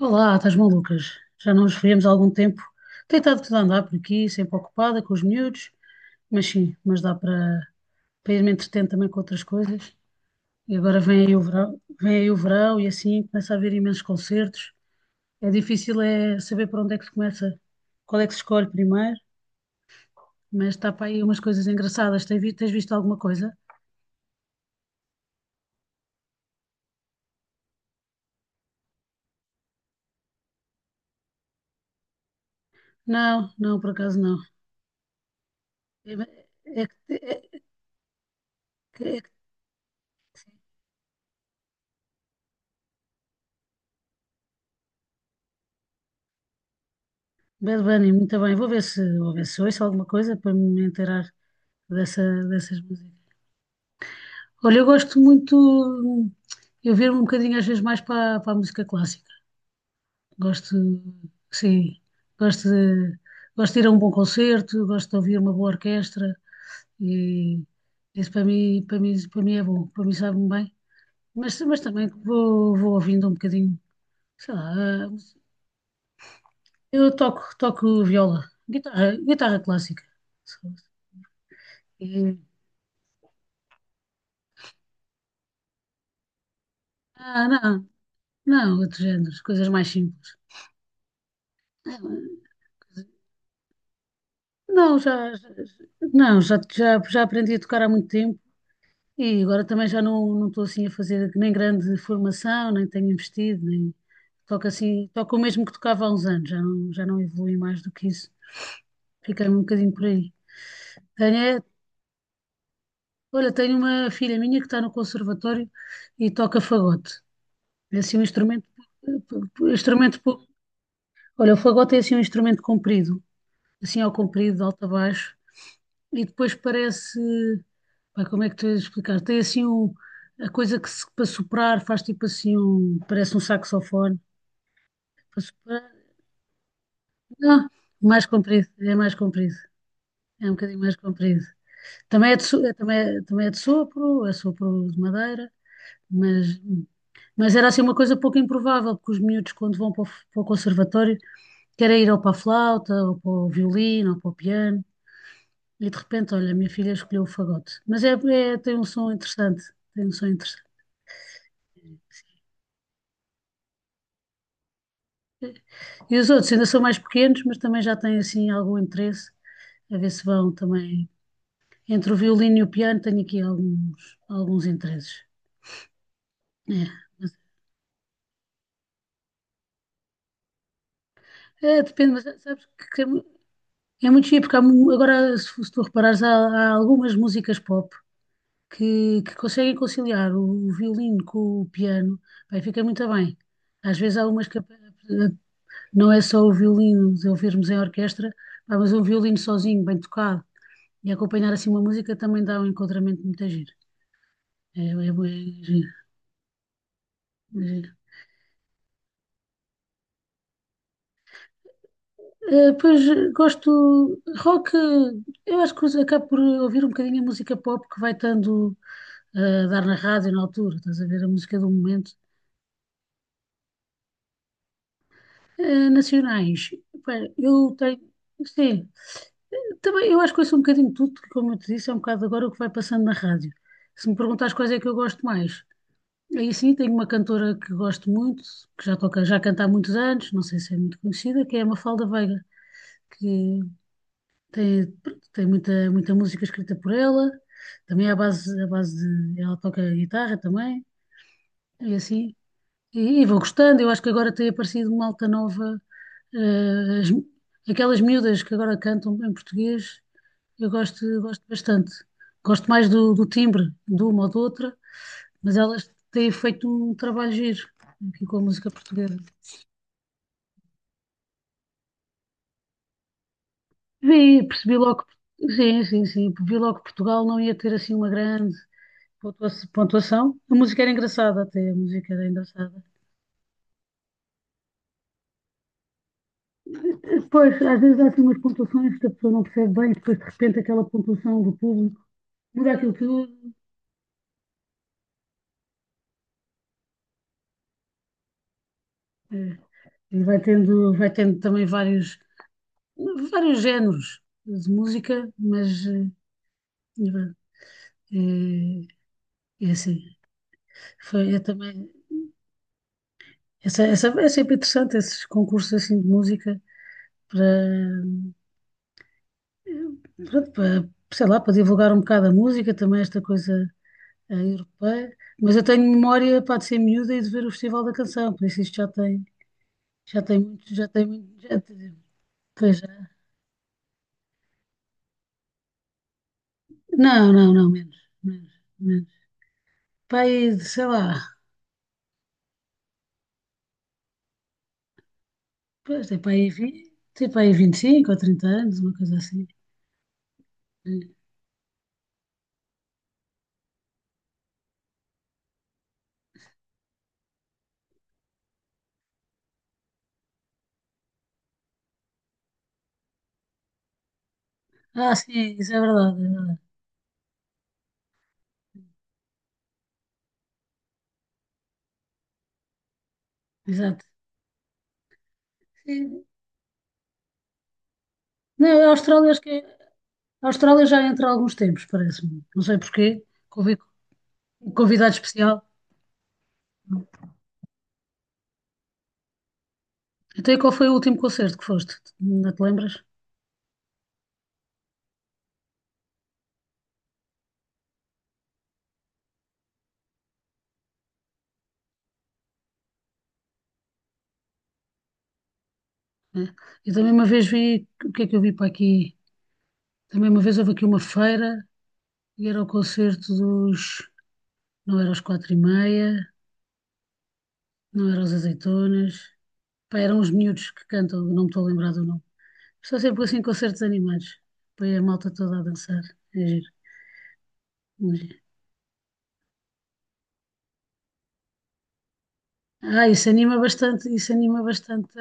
Olá, estás malucas? Já não nos vemos há algum tempo. Tenho estado tudo a andar por aqui, sempre ocupada com os miúdos, mas sim, mas dá para ir me entretendo também com outras coisas. E agora vem aí o verão e assim começa a haver imensos concertos. É difícil é saber para onde é que se começa, qual é que se escolhe primeiro, mas está para aí umas coisas engraçadas. Tens visto alguma coisa? Não, não, por acaso não. É, é, é, é, que- é- que- Bad Bunny, muito bem. Vou ver se ouço alguma coisa para me inteirar dessa, dessas músicas. Olha, eu gosto muito, eu viro um bocadinho às vezes mais para a música clássica. Gosto, sim, gosto de, gosto de ir a um bom concerto, gosto de ouvir uma boa orquestra, e isso para mim, para mim, para mim é bom, para mim sabe-me bem. Mas também vou ouvindo um bocadinho, sei lá. Eu toco viola, guitarra clássica. E, não, não, outros géneros, coisas mais simples. Não, já, já- não, já aprendi a tocar há muito tempo, e agora também já não estou assim a fazer nem grande formação, nem tenho investido, nem toco assim, toco o mesmo que tocava há uns anos, já não evolui mais do que isso. Fiquei um bocadinho por aí. Tenho, é- Olha, tenho uma filha minha que está no conservatório e toca fagote. É assim um instrumento, olha, o fagote é assim um instrumento comprido, assim ao comprido, de alto a baixo. E depois parece, pá, como é que tu tens de explicar? Tem assim um, a coisa que se- para soprar faz tipo assim um, parece um saxofone. Para soprar, não, mais comprido, é um bocadinho mais comprido. Também é de, também, também é de sopro, é sopro de madeira, mas, mas era assim uma coisa pouco improvável, porque os miúdos quando vão para o conservatório querem ir ou para a flauta, ou para o violino, ou para o piano. E de repente, olha, a minha filha escolheu o fagote. Tem um som interessante, tem um som interessante. E os outros ainda são mais pequenos, mas também já têm assim algum interesse, a ver se vão também. Entre o violino e o piano tenho aqui alguns interesses. É, mas- é, depende, mas sabes que é muito giro, porque agora, se tu reparares, há algumas músicas pop que conseguem conciliar o violino com o piano, bem, fica muito bem. Às vezes há umas que ap- Não é só o violino de ouvirmos em orquestra, pá, mas um violino sozinho, bem tocado, e acompanhar assim uma música também dá um enquadramento muito giro. É giro, é giro. Pois gosto rock, eu acho que acabo por ouvir um bocadinho a música pop que vai estando, a dar na rádio na altura, estás a ver a música do momento. Nacionais, pá, eu tenho, sim, também eu acho que ouço um bocadinho de tudo, que, como eu te disse, é um bocado agora o que vai passando na rádio. Se me perguntares quais é que eu gosto mais, aí sim, tenho uma cantora que gosto muito, que já toca, já canta há muitos anos, não sei se é muito conhecida, que é a Mafalda Veiga, que tem, pronto, tem muita, muita música escrita por ela, também é à base de, ela toca guitarra também, e assim, e vou gostando, eu acho que agora tem aparecido uma alta nova. Aquelas miúdas que agora cantam em português, eu gosto bastante, gosto mais do timbre de uma ou de outra, mas elas têm feito um trabalho giro aqui com a música portuguesa. Vi, percebi logo sim, sim, sim, vi logo que Portugal não ia ter assim uma grande pontuação. A música era engraçada até, a música era engraçada. Pois, às vezes há assim umas pontuações que a pessoa não percebe bem, depois de repente aquela pontuação do público muda aquilo tudo. É. E vai tendo também vários géneros de música, mas é, é assim. Foi, eu também. Essa, é sempre interessante, esses concursos assim de música para, eh, pronto, para, sei lá, para divulgar um bocado a música, também esta coisa europeia. Mas eu tenho memória, pá, de ser miúda e de ver o Festival da Canção, por isso isto já tem muito, já tem muito, já tem-, pois já. Não, não, não, menos, menos, menos. Pá, aí, de, sei lá, pois tem para aí, 25 ou 30 anos, uma coisa assim. Ah, sim, isso é verdade, é verdade. Exato. Sim. Não, a Austrália acho que é. A Austrália já entra há alguns tempos, parece-me. Não sei porquê. Convi- um convidado especial. Até qual foi o último concerto que foste? Não te lembras? É. Eu também uma vez vi. O que é que eu vi para aqui? Também uma vez houve aqui uma feira e era o concerto dos. Não era os quatro e meia, não era os azeitonas. Pá, eram os miúdos que cantam, não me estou a lembrar do nome. Estou sempre assim em concertos animados. Põe a malta toda a dançar. É giro. É giro. Ah, isso anima bastante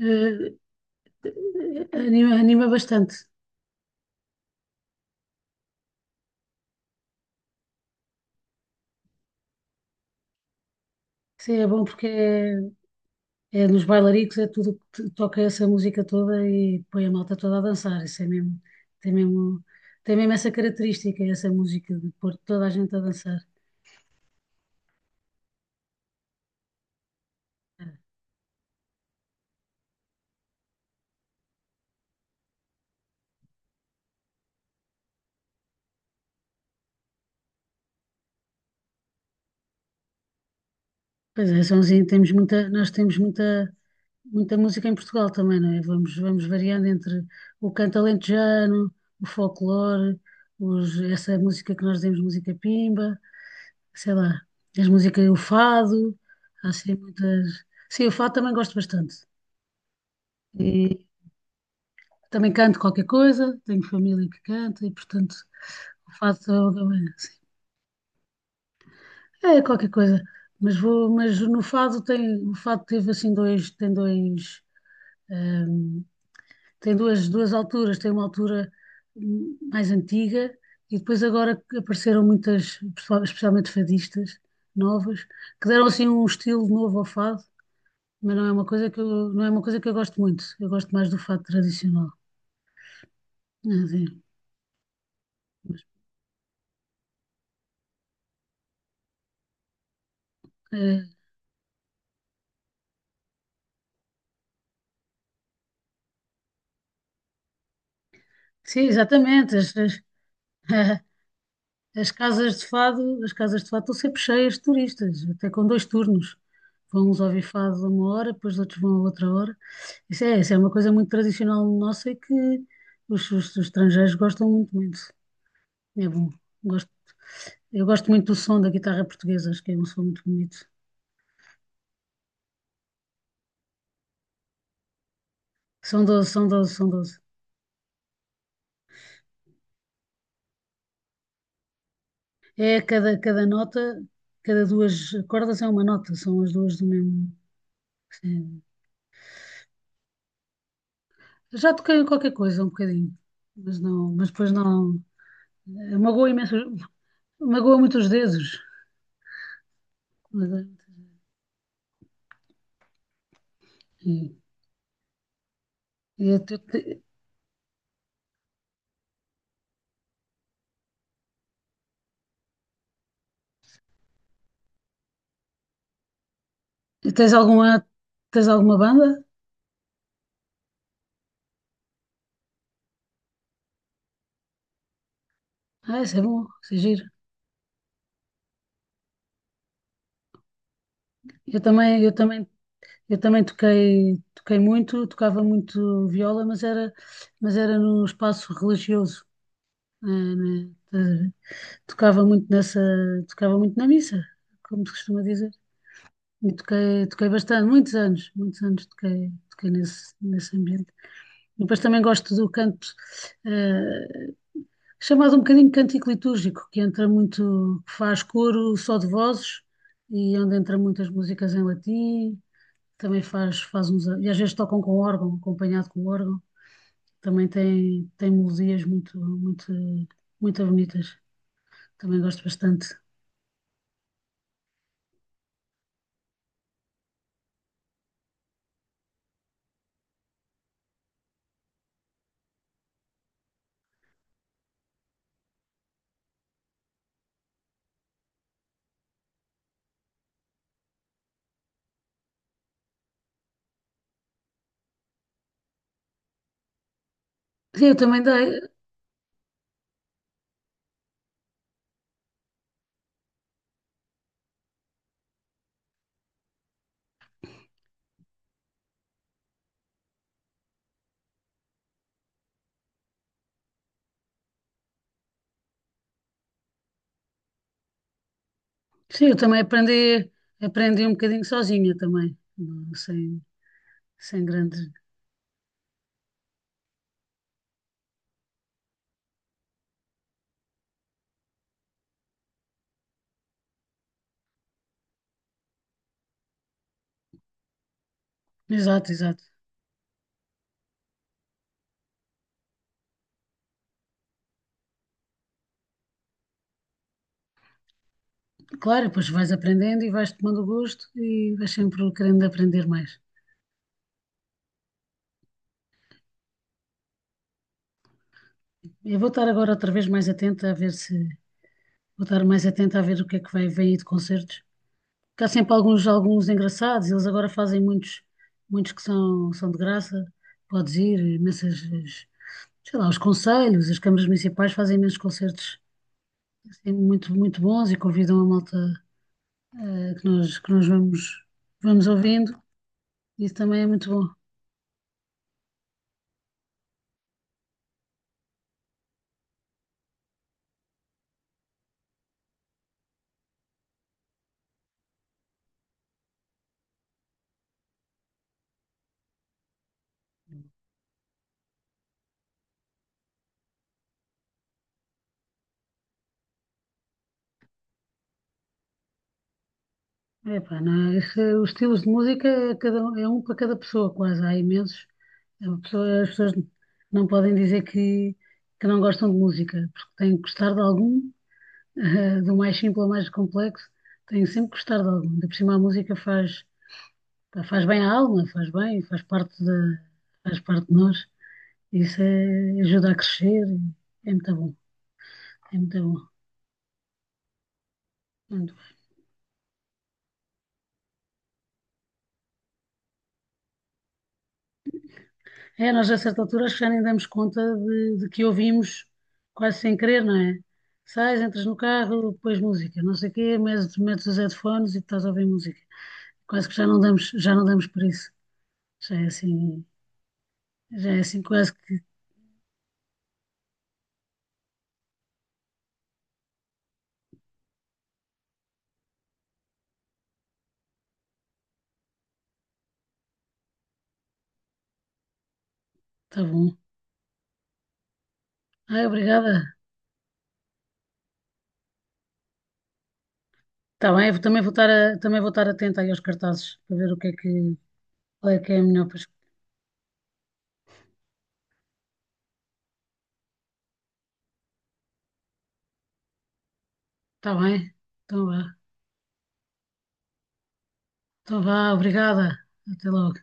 a. Anima bastante. Sim, é bom porque é, é nos bailaricos, é tudo que toca essa música toda e põe a malta toda a dançar. Isso é mesmo, tem mesmo, tem mesmo essa característica, essa música de pôr toda a gente a dançar. Pois é, Sonzinho, nós temos muita música em Portugal também, não é? Vamos variando entre o canto alentejano, o folclore, os, essa música que nós dizemos, música pimba. Sei lá, as músicas, o fado, há assim muitas. Sim, o fado também gosto bastante. E também canto qualquer coisa, tenho família que canta, e portanto o fado também, assim, é qualquer coisa. Mas no fado teve assim hum, duas alturas, tem uma altura, mais antiga, e depois agora que apareceram muitas, especialmente fadistas novas, que deram assim um estilo novo ao fado, mas não é uma coisa que eu, não é uma coisa que eu gosto muito. Eu gosto mais do fato tradicional. É assim, é, sim, exatamente. As, as casas de fado, as casas de fado estão sempre cheias de turistas, até com dois turnos. Vão uns ouvir fado a uma hora, depois outros vão a outra hora. Isso é uma coisa muito tradicional nossa e que os, os estrangeiros gostam muito, muito. É bom. Gosto, eu gosto muito do som da guitarra portuguesa, acho que é um som muito bonito. São 12, são 12, são doze. É cada nota, cada duas cordas é uma nota, são as duas do mesmo. Sim. Já toquei em qualquer coisa um bocadinho, mas não, mas depois não. Magoa imenso, magoa muito os dedos. Mas, eh, E, e tu te- e Tens alguma banda? Ah, isso é bom, isso é giro. Eu também, eu também, eu também toquei muito, tocava muito viola, mas era, num espaço religioso. eh, né? tocava muito nessa, tocava muito na missa como se costuma dizer. E toquei bastante, muitos anos toquei nesse ambiente. Depois também gosto do canto, eh, chamado um bocadinho cântico litúrgico, que entra muito, que faz coro só de vozes e onde entra muitas músicas em latim, também faz, faz uns, e às vezes tocam com órgão, acompanhado com órgão, também tem, tem melodias muito, muito, muito bonitas, também gosto bastante. Sim, eu também dei. Sim, eu também aprendi um bocadinho sozinha também, não, sem, sem grandes. Exato, exato. Claro, depois vais aprendendo e vais tomando gosto e vais sempre querendo aprender mais. Eu vou estar agora outra vez mais atenta a ver se. Vou estar mais atenta a ver o que é que vai vem aí de concertos. Porque há sempre alguns, alguns engraçados, eles agora fazem muitos, muitos que são, são de graça. Podes ir, imensas, sei lá, os conselhos, as câmaras municipais fazem imensos concertos assim, muito, muito bons e convidam a malta, que nós vamos, vamos ouvindo. Isso também é muito bom. Epá, não é? Os estilos de música é, é um para cada pessoa, quase. Há imensos. As pessoas não podem dizer que não gostam de música, porque têm que gostar de algum, do mais simples ao mais complexo, têm sempre que gostar de algum. Ainda por cima, a música faz, pá, faz bem à alma, faz bem, faz parte da, faz parte de nós. Isso é, ajuda a crescer, é muito bom, é muito bom. Muito bom. É, nós a certa altura acho que já nem damos conta de que ouvimos quase sem querer, não é? Sais, entras no carro, depois música, não sei o quê, metes os headphones e estás a ouvir música. Quase que já não damos por isso. Já é assim, já é assim quase que está bom. Ai, obrigada. Está bem, eu também vou também vou estar atenta aí aos cartazes para ver o que é que qual é que é melhor para escolher. Está bem? Então vá. Então vá, obrigada. Até logo.